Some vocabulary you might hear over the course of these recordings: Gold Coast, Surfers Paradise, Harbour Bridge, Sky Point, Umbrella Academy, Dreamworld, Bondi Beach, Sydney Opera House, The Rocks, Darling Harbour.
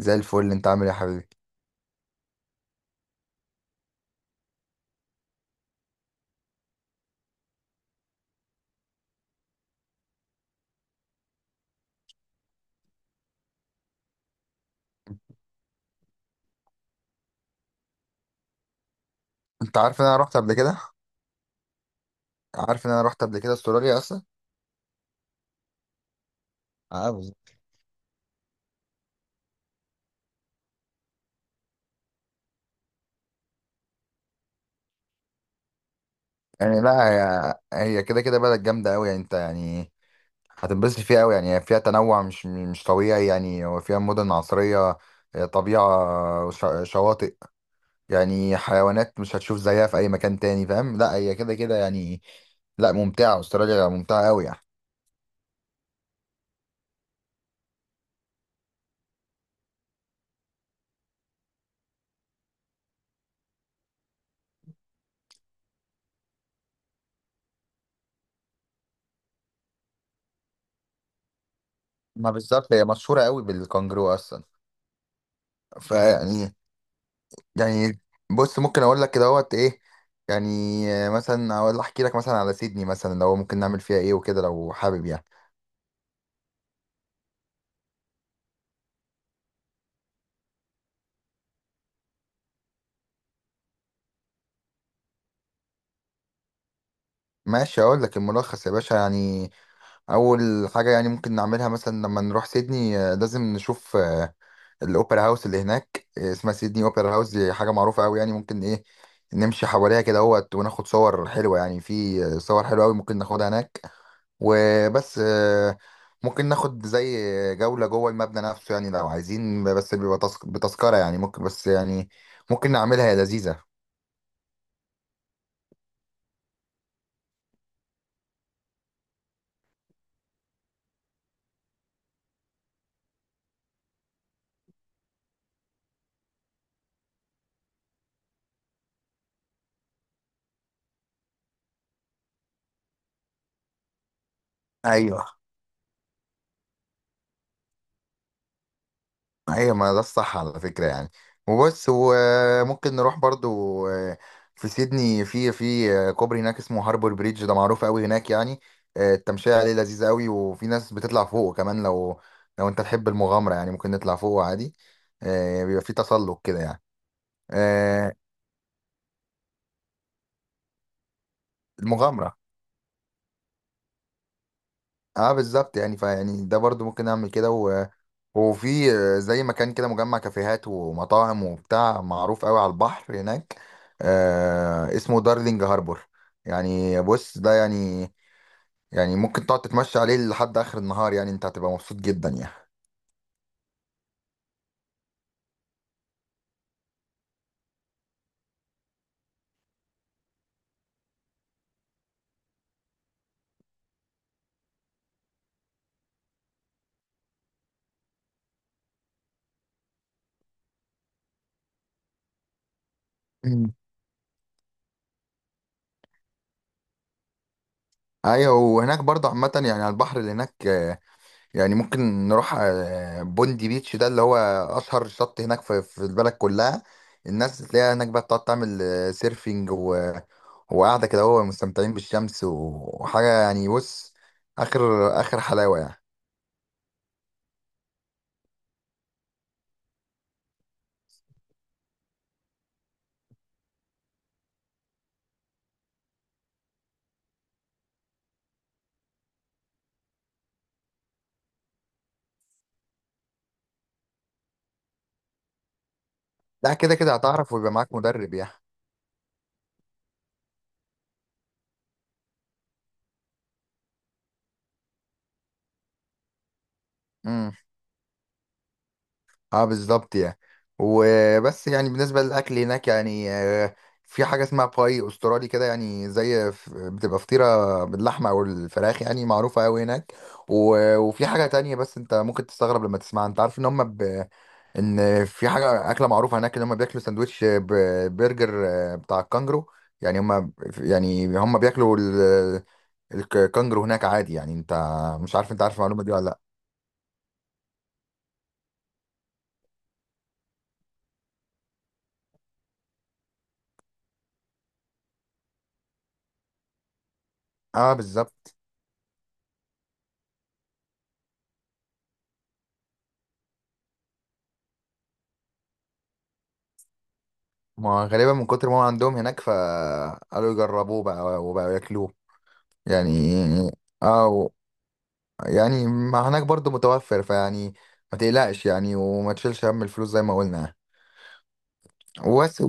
زي الفل، انت عامل ايه يا حبيبي؟ انت عارف ان انا رحت قبل كده؟ عارف ان انا رحت قبل كده استراليا اصلا؟ عاوز. يعني لا، هي هي كده كده بلد جامده قوي، يعني انت يعني هتنبسط فيها قوي. يعني هي فيها تنوع مش طبيعي. يعني هو فيها مدن عصريه، اه، طبيعه، شواطئ. يعني حيوانات مش هتشوف زيها في اي مكان تاني، فاهم؟ لا هي كده كده يعني. لا ممتعه، استراليا ممتعه قوي يعني. ما بالظبط، هي مشهوره قوي بالكانجرو اصلا. فيعني، يعني بص، ممكن اقول لك كده اهوت ايه. يعني مثلا اقول، احكي لك مثلا على سيدني، مثلا لو ممكن نعمل فيها ايه وكده لو حابب يعني. ماشي، اقول لك الملخص يا باشا يعني. اول حاجه يعني ممكن نعملها مثلا لما نروح سيدني، لازم نشوف الاوبرا هاوس اللي هناك. اسمها سيدني اوبرا هاوس، دي حاجه معروفه قوي يعني. ممكن ايه نمشي حواليها كده اهوت، وناخد صور حلوه، يعني في صور حلوه قوي ممكن ناخدها هناك. وبس. ممكن ناخد زي جولة جوه المبنى نفسه، يعني لو عايزين، بس بيبقى بتذكرة يعني. ممكن بس يعني ممكن نعملها يا لذيذة. ايوه، ايوه، ما ده الصح على فكرة يعني. وبس. وممكن نروح برضو في سيدني، في كوبري هناك اسمه هاربور بريدج، ده معروف قوي هناك يعني. التمشية عليه لذيذة قوي. وفي ناس بتطلع فوقه كمان، لو انت تحب المغامرة، يعني ممكن نطلع فوقه عادي. بيبقى في تسلق كده يعني. آه، المغامرة. اه بالظبط يعني، فيعني ده برضو ممكن اعمل كده و. وفي زي مكان كده مجمع كافيهات ومطاعم وبتاع، معروف قوي على البحر هناك، اسمه دارلينج هاربور. يعني بص، ده يعني، يعني ممكن تقعد تتمشى عليه لحد اخر النهار. يعني انت هتبقى مبسوط جدا يعني. مم. ايوه، وهناك برضه عامة يعني على البحر اللي هناك، يعني ممكن نروح بوندي بيتش، ده اللي هو اشهر شط هناك في البلد كلها. الناس تلاقيها هناك بقى بتقعد تعمل سيرفينج و- وقاعده كده، هو مستمتعين بالشمس وحاجه. يعني بص، اخر اخر حلاوه يعني. لا كده كده هتعرف، ويبقى معاك مدرب يعني. اه بالظبط يعني. وبس يعني، بالنسبة للأكل هناك يعني في حاجة اسمها باي أسترالي كده، يعني زي بتبقى فطيرة باللحمة أو الفراخ، يعني معروفة أوي هناك. وفي حاجة تانية، بس أنت ممكن تستغرب لما تسمعها. أنت عارف إن هما إن في حاجة أكلة معروفة هناك، إن هما بياكلوا سندوتش برجر بتاع الكانجرو. يعني هما، يعني هما بياكلوا الكانجرو هناك عادي يعني. أنت مش عارف، أنت عارف المعلومة دي ولا لأ؟ اه بالظبط. ما غالبا من كتر ما هو عندهم هناك، فقالوا يجربوه بقى وبقوا ياكلوه يعني. او يعني، ما هناك برضو متوفر. فيعني ما تقلقش يعني، وما تشيلش هم الفلوس زي ما قلنا. وبس.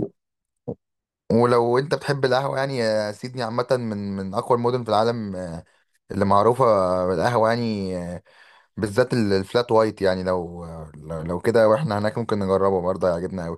ولو انت بتحب القهوة يعني سيدني عامة من أقوى المدن في العالم، اللي معروفة بالقهوة يعني، بالذات الفلات وايت. يعني لو كده واحنا هناك ممكن نجربه برضه، هيعجبنا أوي.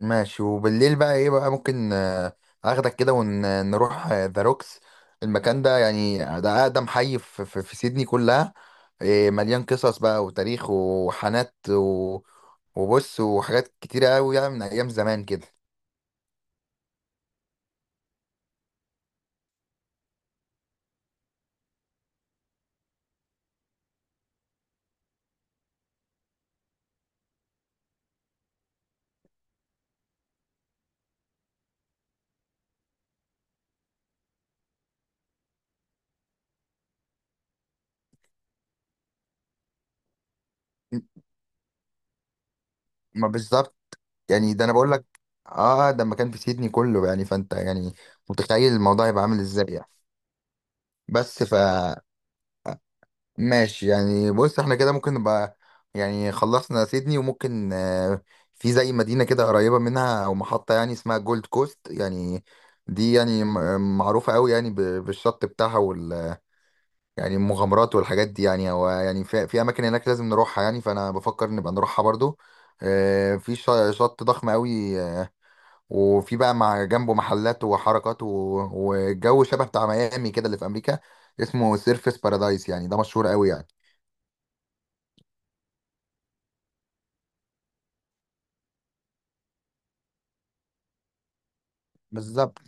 ماشي. وبالليل بقى ايه بقى، ممكن اخدك كده ونروح ذا روكس. المكان ده يعني ده اقدم حي في سيدني كلها. إيه، مليان قصص بقى وتاريخ وحانات وبص، وحاجات كتيرة قوي يعني من ايام زمان كده. ما بالظبط يعني، ده انا بقول لك. اه ده مكان في سيدني كله يعني. فانت يعني متخيل الموضوع هيبقى عامل ازاي يعني. بس ماشي يعني. بص احنا كده ممكن نبقى، يعني خلصنا سيدني. وممكن في زي مدينة كده قريبة منها او محطة، يعني اسمها جولد كوست يعني. دي يعني معروفة قوي يعني بالشط بتاعها وال. يعني المغامرات والحاجات دي، يعني هو يعني في اماكن هناك لازم نروحها يعني، فانا بفكر نبقى نروحها برضو. في شط ضخم قوي. وفي بقى مع جنبه محلات وحركات والجو شبه بتاع ميامي كده اللي في امريكا، اسمه سيرفس بارادايس، يعني ده مشهور قوي يعني. بالظبط.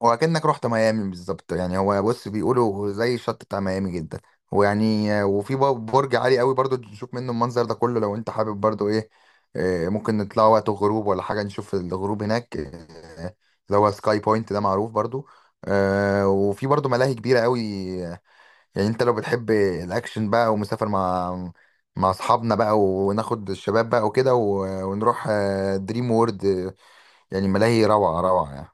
وكأنك رحت ميامي بالظبط يعني. هو بص بيقولوا زي الشط بتاع ميامي جدا. ويعني وفي برج عالي قوي برضو، نشوف منه المنظر ده كله لو انت حابب برضو ايه. ممكن نطلع وقت الغروب ولا حاجة نشوف الغروب هناك. اللي هو سكاي بوينت، ده معروف برضو. وفي برضو ملاهي كبيرة قوي. يعني انت لو بتحب الاكشن بقى، ومسافر مع اصحابنا بقى، وناخد الشباب بقى وكده ونروح دريم وورد. يعني ملاهي روعة روعة يعني.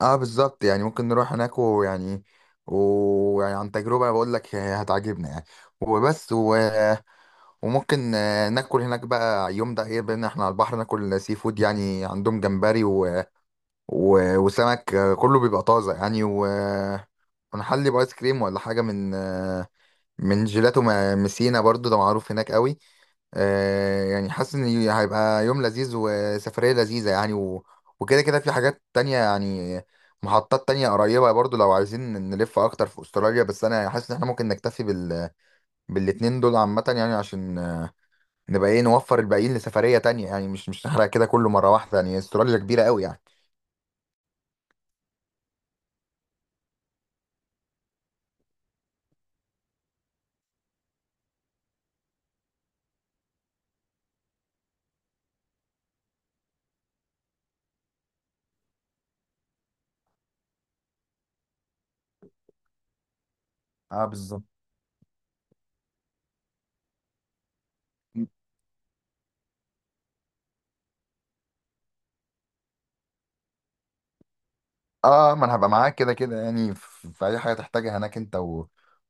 اه بالظبط يعني، ممكن نروح هناك ويعني، ويعني عن تجربة بقول لك هتعجبنا يعني. وبس و. وممكن ناكل هناك بقى يوم ده ايه، بان احنا على البحر ناكل سي فود. يعني عندهم جمبري و. و. وسمك كله بيبقى طازة يعني و. ونحلي بايس كريم ولا حاجة من من جيلاتو مسينا، برضو ده معروف هناك قوي. يعني حاسس ان هيبقى يوم لذيذ وسفرية لذيذة يعني و. وكده كده في حاجات تانية يعني، محطات تانية قريبة برضو لو عايزين نلف اكتر في استراليا. بس انا حاسس ان احنا ممكن نكتفي بالاتنين دول عامة يعني، عشان نبقى ايه نوفر الباقيين لسفرية تانية يعني. مش نحرق كده كله مرة واحدة يعني، استراليا كبيرة قوي يعني. اه بالظبط. اه ما انا هبقى معاك كده كده، يعني في اي حاجة تحتاجها هناك انت و.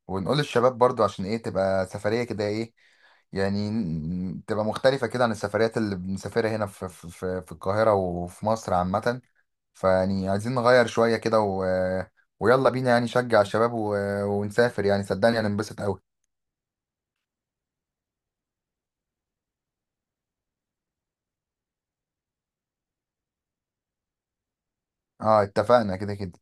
ونقول للشباب برضو عشان ايه تبقى سفرية كده ايه، يعني تبقى مختلفة كده عن السفريات اللي بنسافرها هنا في القاهرة وفي مصر عامة. فيعني عايزين نغير شوية كده و. ويلا بينا يعني نشجع الشباب و. ونسافر يعني صدقني هننبسط أوي. اه اتفقنا كده كده.